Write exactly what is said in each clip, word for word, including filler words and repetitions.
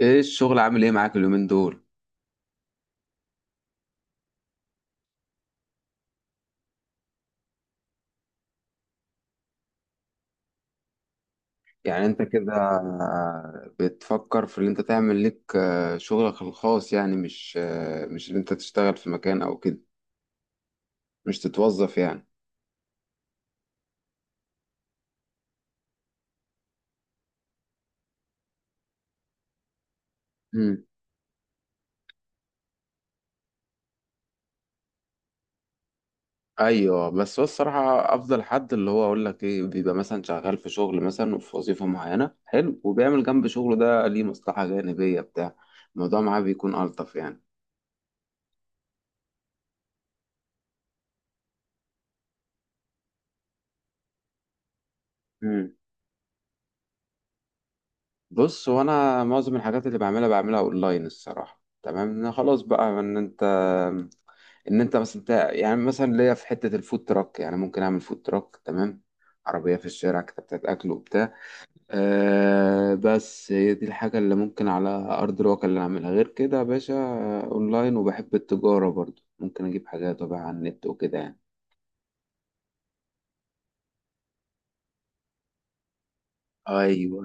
ايه الشغل عامل ايه معاك اليومين دول؟ يعني انت كده آه، بتفكر في اللي انت تعمل لك آه، شغلك الخاص، يعني مش آه، مش اللي انت تشتغل في مكان او كده. مش تتوظف يعني؟ امم. ايوه، بس هو الصراحه افضل حد، اللي هو اقول لك ايه، بيبقى مثلا شغال في شغل مثلا، وفي وظيفه معينه حلو، وبيعمل جنب شغله ده ليه مصلحه جانبيه بتاع الموضوع معاه، بيكون الطف يعني. امم. بص، هو انا معظم الحاجات اللي بعملها بعملها اونلاين الصراحه. تمام، أنا خلاص بقى ان انت ان انت مثلا تع- يعني مثلا ليا في حته الفود تراك، يعني ممكن اعمل فود تراك. تمام، عربيه في الشارع كده بتاعت اكل وبتاع. آه بس هي دي الحاجه اللي ممكن على ارض الواقع اللي اعملها، غير كده يا باشا آه، اونلاين، وبحب التجاره برضو، ممكن اجيب حاجات وابيعها على النت وكده يعني. ايوه.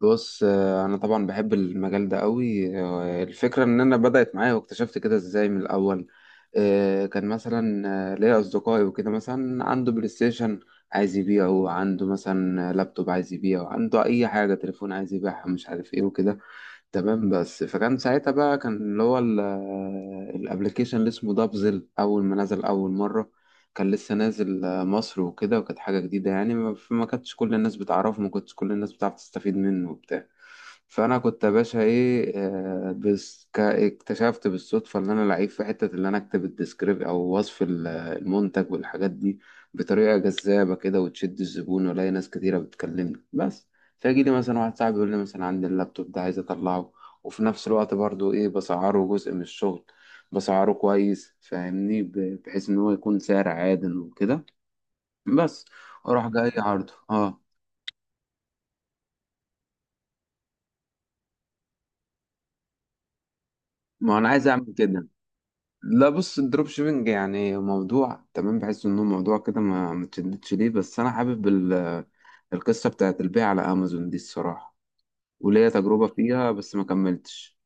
بص، آه، انا طبعا بحب المجال ده قوي. آه، الفكره ان انا بدات معايا واكتشفت كده ازاي من الاول. آه، كان مثلا آه، ليا اصدقائي وكده، مثلا عنده بلاي ستيشن عايز يبيعه، عنده مثلا لابتوب عايز يبيعه، عنده اي حاجه تليفون عايز يبيعها، مش عارف ايه وكده. تمام، بس فكان ساعتها بقى كان اللي هو الابلكيشن اللي اسمه دابزل، اول ما نزل اول مره كان لسه نازل آه، مصر وكده، وكانت حاجه جديده يعني. ما فما كانتش كل الناس بتعرفه، ما كنتش كل الناس بتعرف تستفيد منه وبتاع. فانا كنت يا باشا ايه، آه، بس ك- اكتشفت بالصدفه ان انا لعيب في حته، اللي انا اكتب الديسكريب او وصف ال- المنتج والحاجات دي بطريقه جذابه كده وتشد الزبون، والاقي ناس كتيره بتكلمني. بس فيجي لي مثلا واحد صاحبي يقول لي مثلا: عندي اللابتوب ده عايز اطلعه، وفي نفس الوقت برضو ايه بسعره، جزء من الشغل، بسعره كويس. فاهمني، ب- بحيث ان هو يكون سعر عادل وكده. بس اروح جاي عرضه اه. ما انا عايز اعمل كده. لا بص، الدروب شيبينج يعني موضوع تمام، بحس انه موضوع كده ما متشددش ليه، بس انا حابب ال- القصة بتاعت البيع على امازون دي الصراحة. وليا تجربة فيها بس ما كملتش.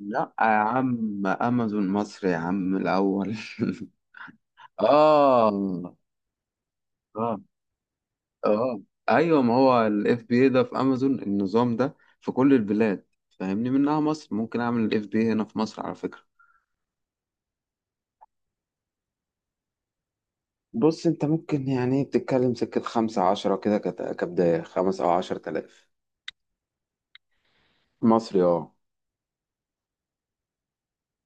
لا يا عم، امازون مصر يا عم الاول. اه. اه. اه. ايوه، ما هو الاف بي اي ده في امازون، النظام ده في كل البلاد، فاهمني منها مصر، ممكن اعمل الاف بي اي هنا في مصر على فكره. بص، انت ممكن يعني بتتكلم سكة خمسة عشرة كده، كت- كبداية خمس او عشر تلاف. مصري، اه.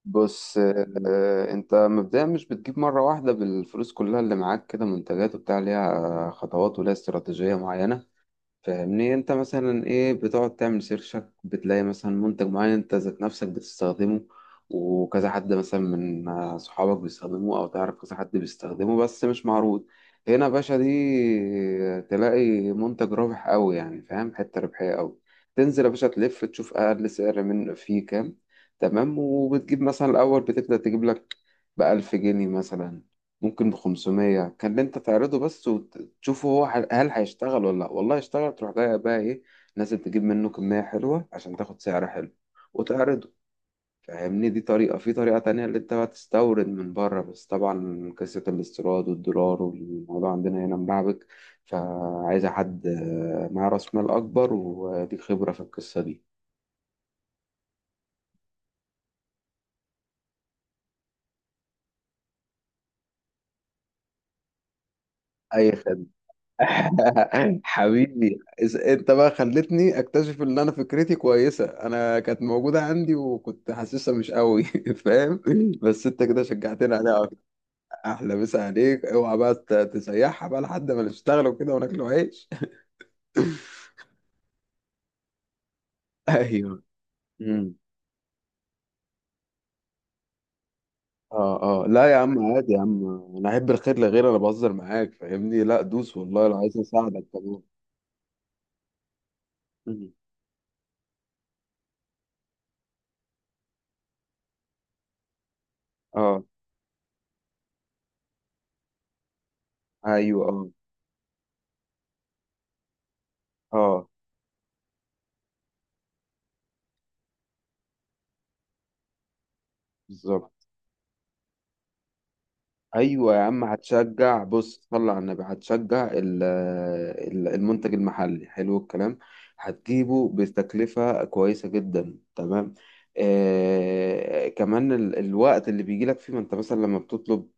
بص، آه، انت مبدئيا مش بتجيب مرة واحدة بالفلوس كلها اللي معاك كده منتجات وبتاع، ليها خطوات وليها استراتيجية معينة. فاهمني، انت مثلا ايه بتقعد تعمل سيرشك، بتلاقي مثلا منتج معين انت ذات نفسك بتستخدمه، وكذا حد مثلا من آه، صحابك بيستخدمه، او تعرف كذا حد بيستخدمه بس مش معروض هنا يا باشا، دي تلاقي منتج رابح قوي، يعني فاهم، حتة ربحية قوي. تنزل يا باشا تلف، تشوف اقل سعر من فيه كام. تمام، وبتجيب مثلا الاول بتبدأ تجيب لك بألف جنيه مثلا، ممكن بخمسمية، كان اللي انت تعرضه بس، تشوفه هو ح- هل هيشتغل ولا لا. والله اشتغل، تروح جاي بقى ايه، نازل تجيب منه كمية حلوة عشان تاخد سعر حلو وتعرضه. فاهمني، دي طريقة. في طريقة تانية، اللي انت بقى تستورد من بره، بس طبعا قصة الاستيراد والدولار والموضوع عندنا هنا ملعبك، فعايزة حد آه، معاه راس مال أكبر وليك خبرة في القصة دي. أي خدمة. حبيبي، إز- انت بقى خلتني اكتشف ان انا فكرتي كويسه، انا كانت موجوده عندي وكنت حاسسها مش قوي. فاهم، بس انت كده شجعتني عليها اكتر. احلى مسا عليك، اوعى بقى ت- تسيحها بقى لحد ما نشتغل وكده وناكل عيش. ايوه. امم. اه اه، لا يا عم عادي يا عم، انا احب الخير لغيري، انا بهزر معاك فاهمني، لا دوس والله لو عايز اساعدك كمان. مم. اه. ايوه اه اه، بالظبط. ايوه يا عم، هتشجع. بص، صلى على النبي، هتشجع ال- ال- المنتج المحلي. حلو الكلام، هتجيبه بتكلفه كويسه جدا. تمام. آه كمان ال- الوقت اللي بيجي لك فيه، ما انت مثلا لما بتطلب،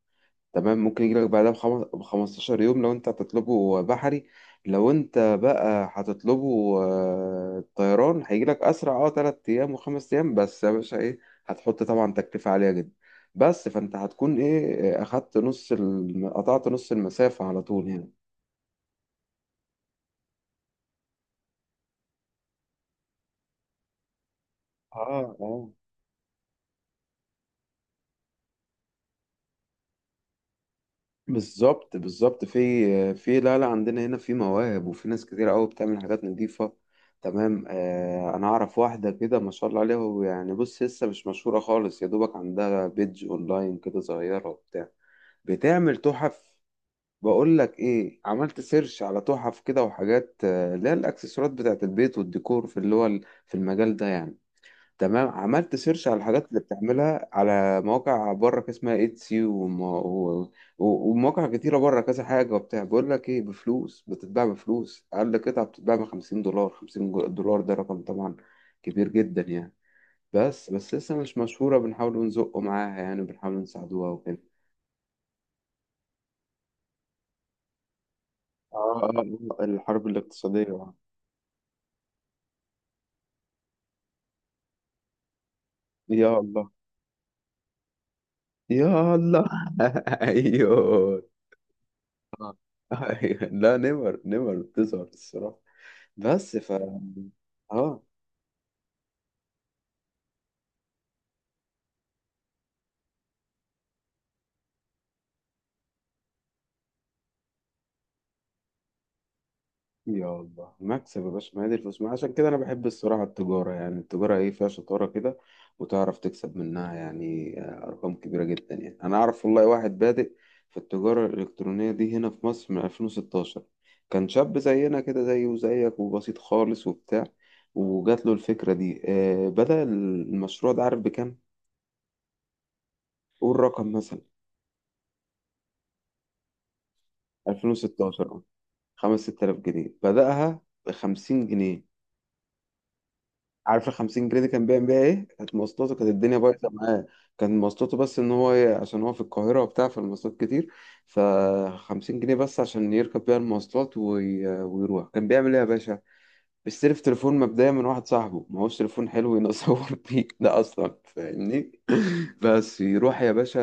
تمام، ممكن يجيلك بعدها بخم- بخمستاشر يوم لو انت هتطلبه بحري. لو انت بقى هتطلبه آه، طيران، هيجيلك اسرع، اه تلات ايام وخمس ايام. بس يا باشا ايه، هتحط طبعا تكلفة عالية جدا. بس فانت هتكون ايه، آه، اخدت نص الم... قطعت نص المسافة على طول يعني. اه اه، بالظبط بالظبط. في في، لا لا، عندنا هنا في مواهب، وفي ناس كتير قوي بتعمل حاجات نظيفة. تمام. آه انا اعرف واحدة كده ما شاء الله عليها، ويعني بص لسه مش مشهورة خالص، يا دوبك عندها بيدج اونلاين كده صغيرة وبتاع، بتعمل تحف. بقول لك ايه، عملت سيرش على تحف كده وحاجات آه، اللي هي الاكسسوارات بتاعت البيت والديكور، في اللي هو ال- في المجال ده يعني. تمام، عملت سيرش على الحاجات اللي بتعملها على مواقع بره كده، اسمها ايتسي وم- و- و- ومواقع كتيرة بره كذا حاجة وبتاع. بقول لك ايه، بفلوس بتتباع، بفلوس أقل قطعة بتتباع ب خمسين دولار، خمسين جو- دولار. ده رقم طبعا كبير جدا يعني. بس بس لسه مش مشهورة، بنحاول نزقه معاها يعني، بنحاول نساعدوها وكده. اه آه، الحرب الاقتصادية. يا الله. يا الله. ايوه. آه. أيوه. لا نمر نمر بتظهر الصراحة، بس ف اه. يا الله مكسب يا باشا، ما هي دي الفلوس، ما عشان كده انا بحب الصراحه التجاره، يعني التجاره ايه فيها شطاره كده وتعرف تكسب منها، يعني آه، ارقام كبيره جدا يعني. انا اعرف والله واحد بادئ في التجاره الالكترونيه دي هنا في مصر من ألفين وستاشر، كان شاب زينا كده، زيه وزيك، وبسيط خالص وبتاع. وجات له الفكره دي، آه بدأ المشروع ده، عارف بكام؟ قول رقم مثلا. ألفين وستاشر، اه. خمسة ستة تلاف جنيه بدأها، ب خمسين جنيه. عارف ال خمسين جنيه دي كان بيعمل بيها ايه؟ كانت مواصلاته، كانت الدنيا بايظه معاه. كان مواصلاته بس، ان هو ي- عشان هو في القاهره وبتاع، فالمواصلات كتير. ف خمسين جنيه بس عشان يركب بيها المواصلات وي... ويروح. كان بيعمل ايه يا باشا؟ اشتري في تليفون مبدئيا من واحد صاحبه، ما هوش تليفون حلو ينصور بيه ده اصلا، فاهمني. بس يروح يا باشا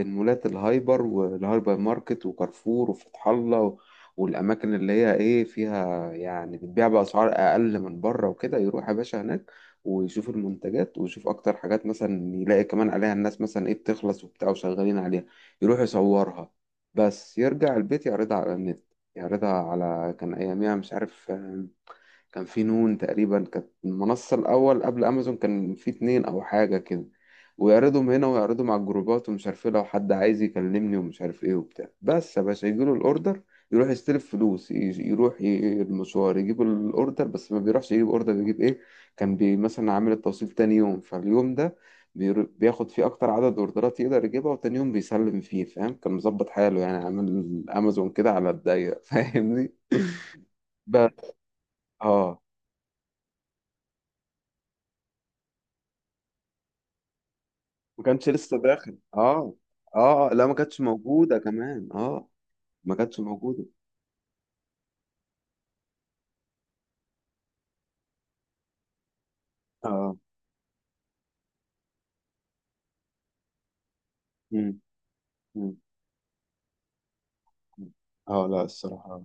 المولات، الهايبر والهايبر ماركت وكارفور وفتح الله و- والاماكن اللي هي ايه فيها يعني بتبيع باسعار اقل من بره وكده، يروح يا باشا هناك ويشوف المنتجات، ويشوف اكتر حاجات مثلا يلاقي كمان عليها الناس مثلا ايه بتخلص وبتاع وشغالين عليها، يروح يصورها بس، يرجع البيت يعرضها على النت، يعرضها على كان اياميها مش عارف، كان في نون تقريبا كانت المنصة الأول قبل أمازون، كان في اتنين أو حاجة كده. ويعرضهم هنا ويعرضهم على الجروبات ومش عارف ايه، لو حد عايز يكلمني ومش عارف ايه وبتاع، بس يا باشا يجيله الأوردر، يروح يستلف فلوس ي- يروح ي- المشوار، يجيب الأوردر. بس ما بيروحش يجيب أوردر، بيجيب ايه، كان بي مثلا عامل التوصيل تاني يوم، فاليوم ده بير- بياخد فيه أكتر عدد أوردرات يقدر يجيبها، وتاني يوم بيسلم فيه. فاهم، كان مظبط حاله يعني، عامل أمازون كده على الضيق. فاهمني، بس. اه، ما كانش لسه داخل اه. اه آه، لا ما كانتش موجودة كمان، اه. ما كانتش موجودة، اه. مم. مم. اه لا الصراحة.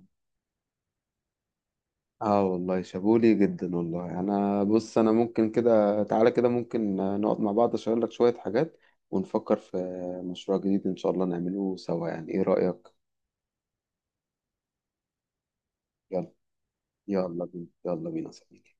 اه والله شابولي جدا والله، انا بص انا ممكن كده، تعالى كده ممكن نقعد مع بعض اشير لك شوية حاجات، ونفكر في مشروع جديد ان شاء الله نعمله سوا، يعني ايه رأيك؟ يلا. يلا بينا، يلا بينا يا صديقي.